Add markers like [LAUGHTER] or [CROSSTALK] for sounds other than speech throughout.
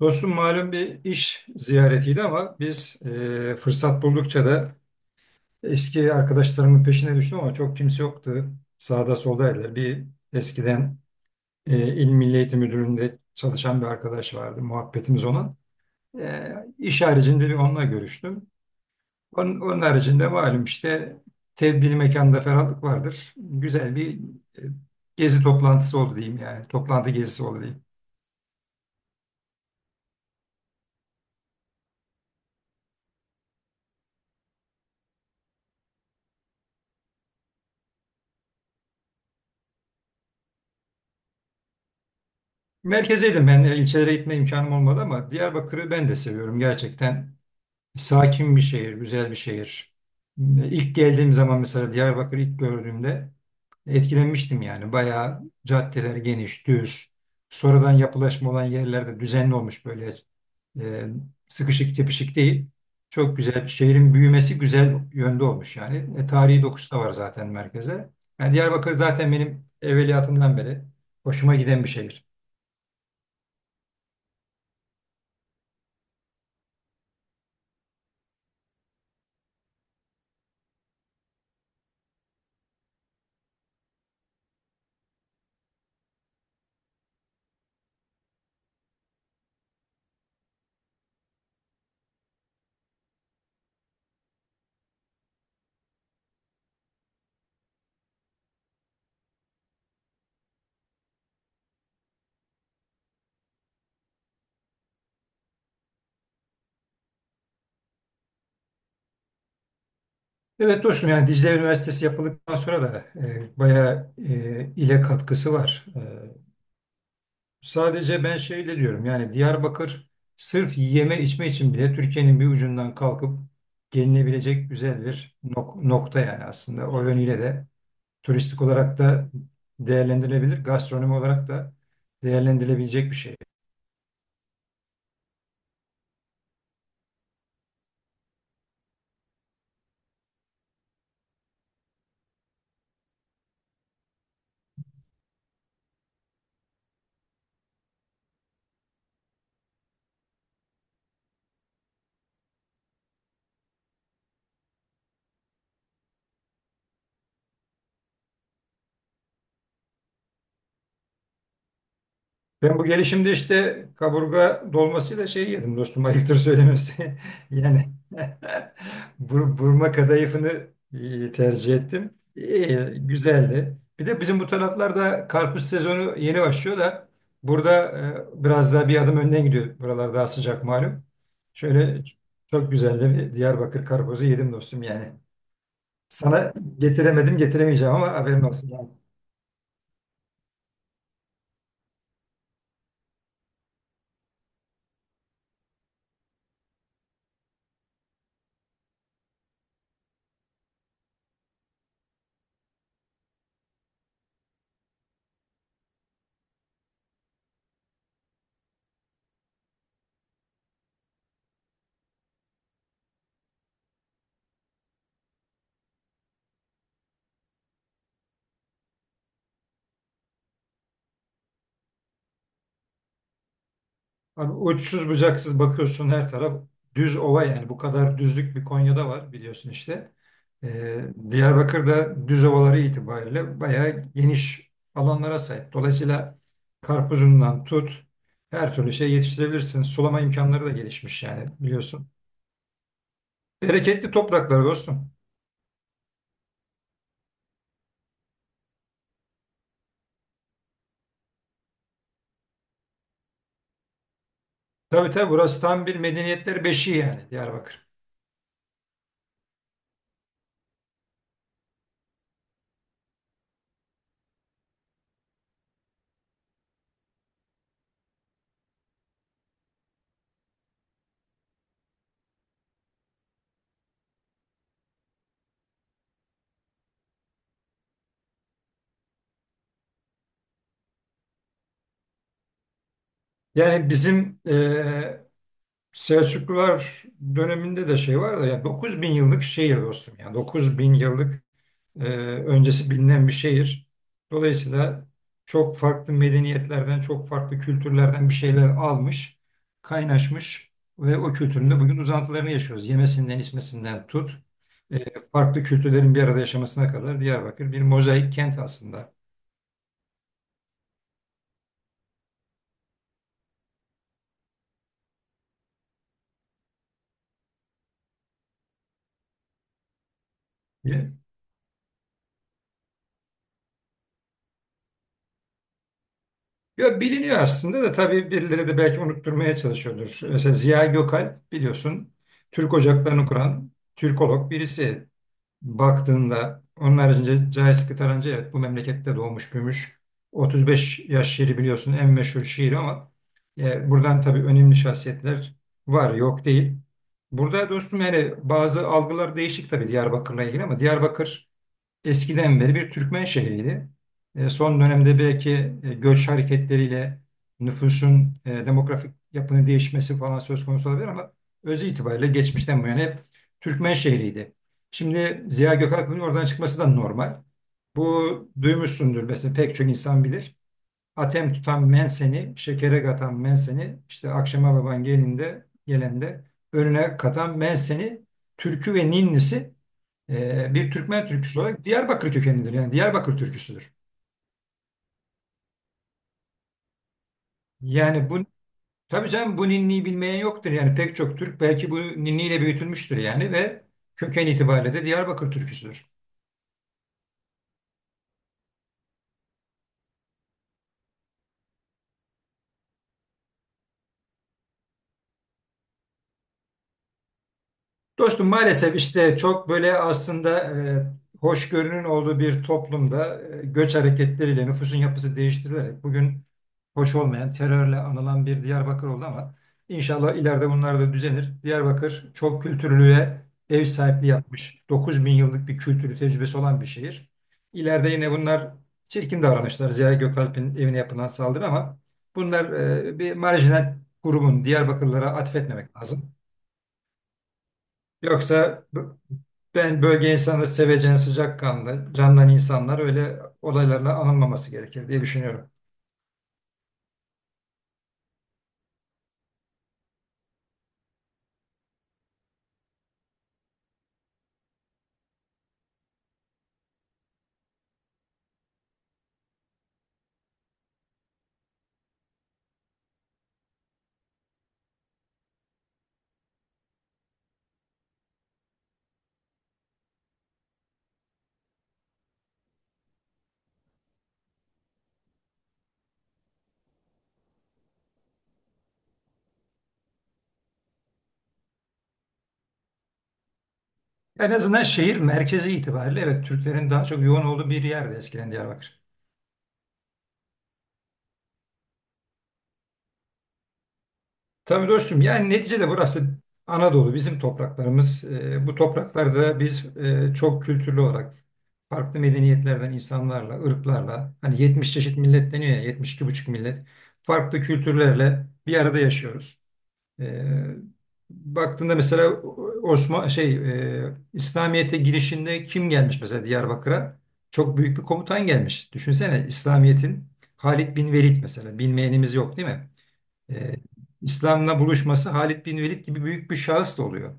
Dostum malum bir iş ziyaretiydi ama biz fırsat buldukça da eski arkadaşlarımın peşine düştüm ama çok kimse yoktu. Sağda soldaydı. Bir eskiden İl Milli Eğitim Müdürlüğü'nde çalışan bir arkadaş vardı. Muhabbetimiz ona. E, iş haricinde bir onunla görüştüm. Onun haricinde malum işte tebdili mekanda ferahlık vardır. Güzel bir e, gezi toplantısı oldu diyeyim yani. Toplantı gezisi oldu diyeyim. Merkezeydim ben. İlçelere gitme imkanım olmadı ama Diyarbakır'ı ben de seviyorum gerçekten. Sakin bir şehir, güzel bir şehir. İlk geldiğim zaman mesela Diyarbakır'ı ilk gördüğümde etkilenmiştim yani. Bayağı caddeler geniş, düz. Sonradan yapılaşma olan yerlerde düzenli olmuş böyle e, sıkışık tepişik değil. Çok güzel bir şehrin büyümesi güzel yönde olmuş yani. E, tarihi dokusu da var zaten merkeze. Yani Diyarbakır zaten benim evveliyatından beri hoşuma giden bir şehir. Evet dostum yani Dicle Üniversitesi yapıldıktan sonra da bayağı ile katkısı var. E, sadece ben şeyle diyorum yani Diyarbakır sırf yeme içme için bile Türkiye'nin bir ucundan kalkıp gelinebilecek güzel bir nokta yani aslında. O yönüyle de turistik olarak da değerlendirilebilir, gastronomi olarak da değerlendirilebilecek bir şey. Ben bu gelişimde işte kaburga dolmasıyla şey yedim dostum ayıptır söylemesi. [LAUGHS] Yani [LAUGHS] burma kadayıfını tercih ettim. İyi, güzeldi. Bir de bizim bu taraflarda karpuz sezonu yeni başlıyor da burada biraz daha bir adım önden gidiyor. Buralar daha sıcak malum. Şöyle çok güzel de bir Diyarbakır karpuzu yedim dostum yani. Sana getiremedim getiremeyeceğim ama haberin olsun, yani. Abi uçsuz bucaksız bakıyorsun her taraf düz ova yani bu kadar düzlük bir Konya'da var biliyorsun işte. Ee, Diyarbakır'da düz ovaları itibariyle bayağı geniş alanlara sahip. Dolayısıyla karpuzundan tut her türlü şey yetiştirebilirsin. Sulama imkanları da gelişmiş yani biliyorsun. Bereketli topraklar dostum. Tabii tabii burası tam bir medeniyetler beşiği yani Diyarbakır. Yani bizim Selçuklular döneminde de şey var da ya 9.000 yıllık şehir dostum ya 9.000 yıllık e, öncesi bilinen bir şehir. Dolayısıyla çok farklı medeniyetlerden, çok farklı kültürlerden bir şeyler almış, kaynaşmış ve o kültürün de bugün uzantılarını yaşıyoruz. Yemesinden, içmesinden tut, farklı kültürlerin bir arada yaşamasına kadar Diyarbakır bir mozaik kent aslında. Ya biliniyor aslında da tabii birileri de belki unutturmaya çalışıyordur. Mesela Ziya Gökalp biliyorsun Türk ocaklarını kuran Türkolog birisi. Baktığında onun haricinde Cahit Sıtkı Tarancı, evet, bu memlekette doğmuş büyümüş. 35 yaş şiiri biliyorsun en meşhur şiir ama buradan tabii önemli şahsiyetler var yok değil. Burada dostum yani bazı algılar değişik tabii Diyarbakır'la ilgili ama Diyarbakır eskiden beri bir Türkmen şehriydi. E, son dönemde belki göç hareketleriyle nüfusun demografik yapının değişmesi falan söz konusu olabilir ama özü itibariyle geçmişten bu yana hep Türkmen şehriydi. Şimdi Ziya Gökalp'in oradan çıkması da normal. Bu duymuşsundur mesela, pek çok insan bilir. Atem tutan menseni, şekere katan menseni, işte akşama baban gelinde gelende önüne katan menseni, türkü ve ninnisi bir Türkmen türküsü olarak Diyarbakır kökenlidir. Yani Diyarbakır türküsüdür. Yani bu tabii canım, bu ninniyi bilmeyen yoktur. Yani pek çok Türk belki bu ninniyle büyütülmüştür yani, ve köken itibariyle de Diyarbakır türküsüdür. Dostum maalesef işte çok böyle aslında hoşgörünün olduğu bir toplumda göç hareketleriyle nüfusun yapısı değiştirilerek bugün hoş olmayan terörle anılan bir Diyarbakır oldu ama inşallah ileride bunlar da düzenir. Diyarbakır çok kültürlüğe ev sahipliği yapmış. 9 bin yıllık bir kültürü tecrübesi olan bir şehir. İleride yine bunlar çirkin davranışlar. Ziya Gökalp'in evine yapılan saldırı ama bunlar bir marjinal grubun Diyarbakırlara atfetmemek lazım. Yoksa ben bölge insanları sevecen, sıcakkanlı, candan insanlar, öyle olaylarla anılmaması gerekir diye düşünüyorum. En azından şehir merkezi itibariyle evet Türklerin daha çok yoğun olduğu bir yerdi eskiden Diyarbakır. Tabii dostum yani neticede burası Anadolu, bizim topraklarımız. Bu topraklarda biz çok kültürlü olarak farklı medeniyetlerden insanlarla, ırklarla hani 70 çeşit millet deniyor ya, 72,5 millet farklı kültürlerle bir arada yaşıyoruz. Ee, baktığında mesela Osman şey İslamiyet'e girişinde kim gelmiş mesela Diyarbakır'a? Çok büyük bir komutan gelmiş. Düşünsene İslamiyet'in Halid bin Velid mesela, bilmeyenimiz yok değil mi? Ee, İslam'la buluşması Halid bin Velid gibi büyük bir şahıs da oluyor.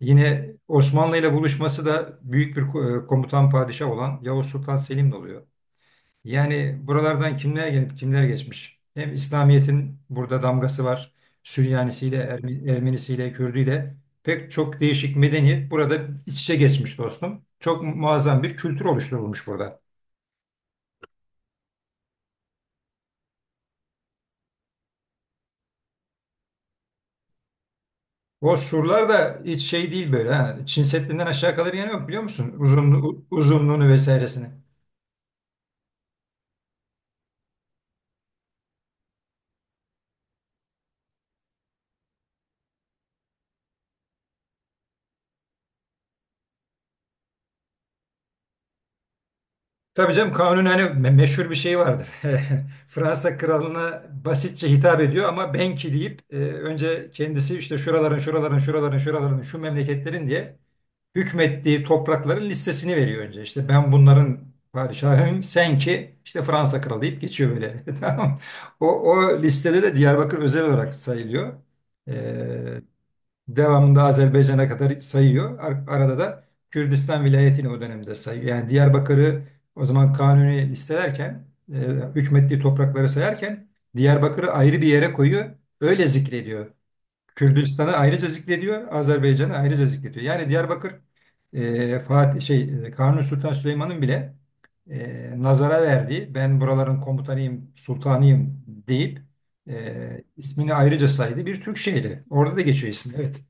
Yine Osmanlı ile buluşması da büyük bir komutan padişah olan Yavuz Sultan Selim'le oluyor. Yani buralardan kimler gelip kimler geçmiş? Hem İslamiyet'in burada damgası var. Süryanisiyle, Ermenisiyle, Kürdüyle pek çok değişik medeniyet burada iç içe geçmiş dostum. Çok muazzam bir kültür oluşturulmuş burada. O surlar da hiç şey değil böyle ha. Çin Seddi'nden aşağı kalır yanı yok, biliyor musun? Uzunluğu, uzunluğunu vesairesini. Tabii canım, kanun hani meşhur bir şey vardır. [LAUGHS] Fransa kralına basitçe hitap ediyor ama "Benki" deyip önce kendisi işte şuraların şuraların şuraların şuraların şu memleketlerin diye hükmettiği toprakların listesini veriyor önce. İşte ben bunların padişahıyım, sen ki işte Fransa kralı deyip geçiyor böyle. [LAUGHS] Tamam. O listede de Diyarbakır özel olarak sayılıyor. E, devamında Azerbaycan'a kadar sayıyor. Arada da Kürdistan vilayetini o dönemde sayıyor. Yani Diyarbakır'ı o zaman Kanuni listelerken, e, hükmettiği toprakları sayarken Diyarbakır'ı ayrı bir yere koyuyor. Öyle zikrediyor. Kürdistan'ı ayrıca zikrediyor, Azerbaycan'ı ayrıca zikrediyor. Yani Diyarbakır, Fatih şey Kanuni Sultan Süleyman'ın bile nazara verdiği, ben buraların komutanıyım, sultanıyım deyip ismini ayrıca saydı bir Türk şehri. Orada da geçiyor ismi. Evet.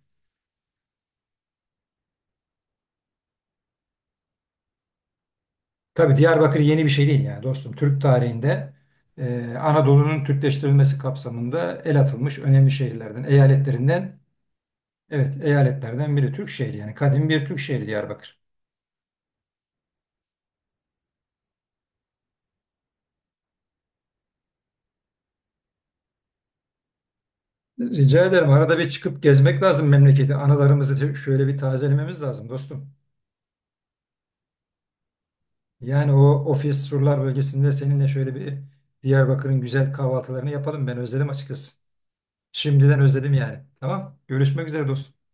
Tabii Diyarbakır yeni bir şey değil yani dostum. Türk tarihinde Anadolu'nun Türkleştirilmesi kapsamında el atılmış önemli şehirlerden, eyaletlerinden, evet eyaletlerden biri, Türk şehri yani, kadim bir Türk şehri Diyarbakır. Rica ederim, arada bir çıkıp gezmek lazım memleketi. Anılarımızı şöyle bir tazelememiz lazım dostum. Yani o ofis surlar bölgesinde seninle şöyle bir Diyarbakır'ın güzel kahvaltılarını yapalım. Ben özledim açıkçası. Şimdiden özledim yani. Tamam. Görüşmek üzere dostum.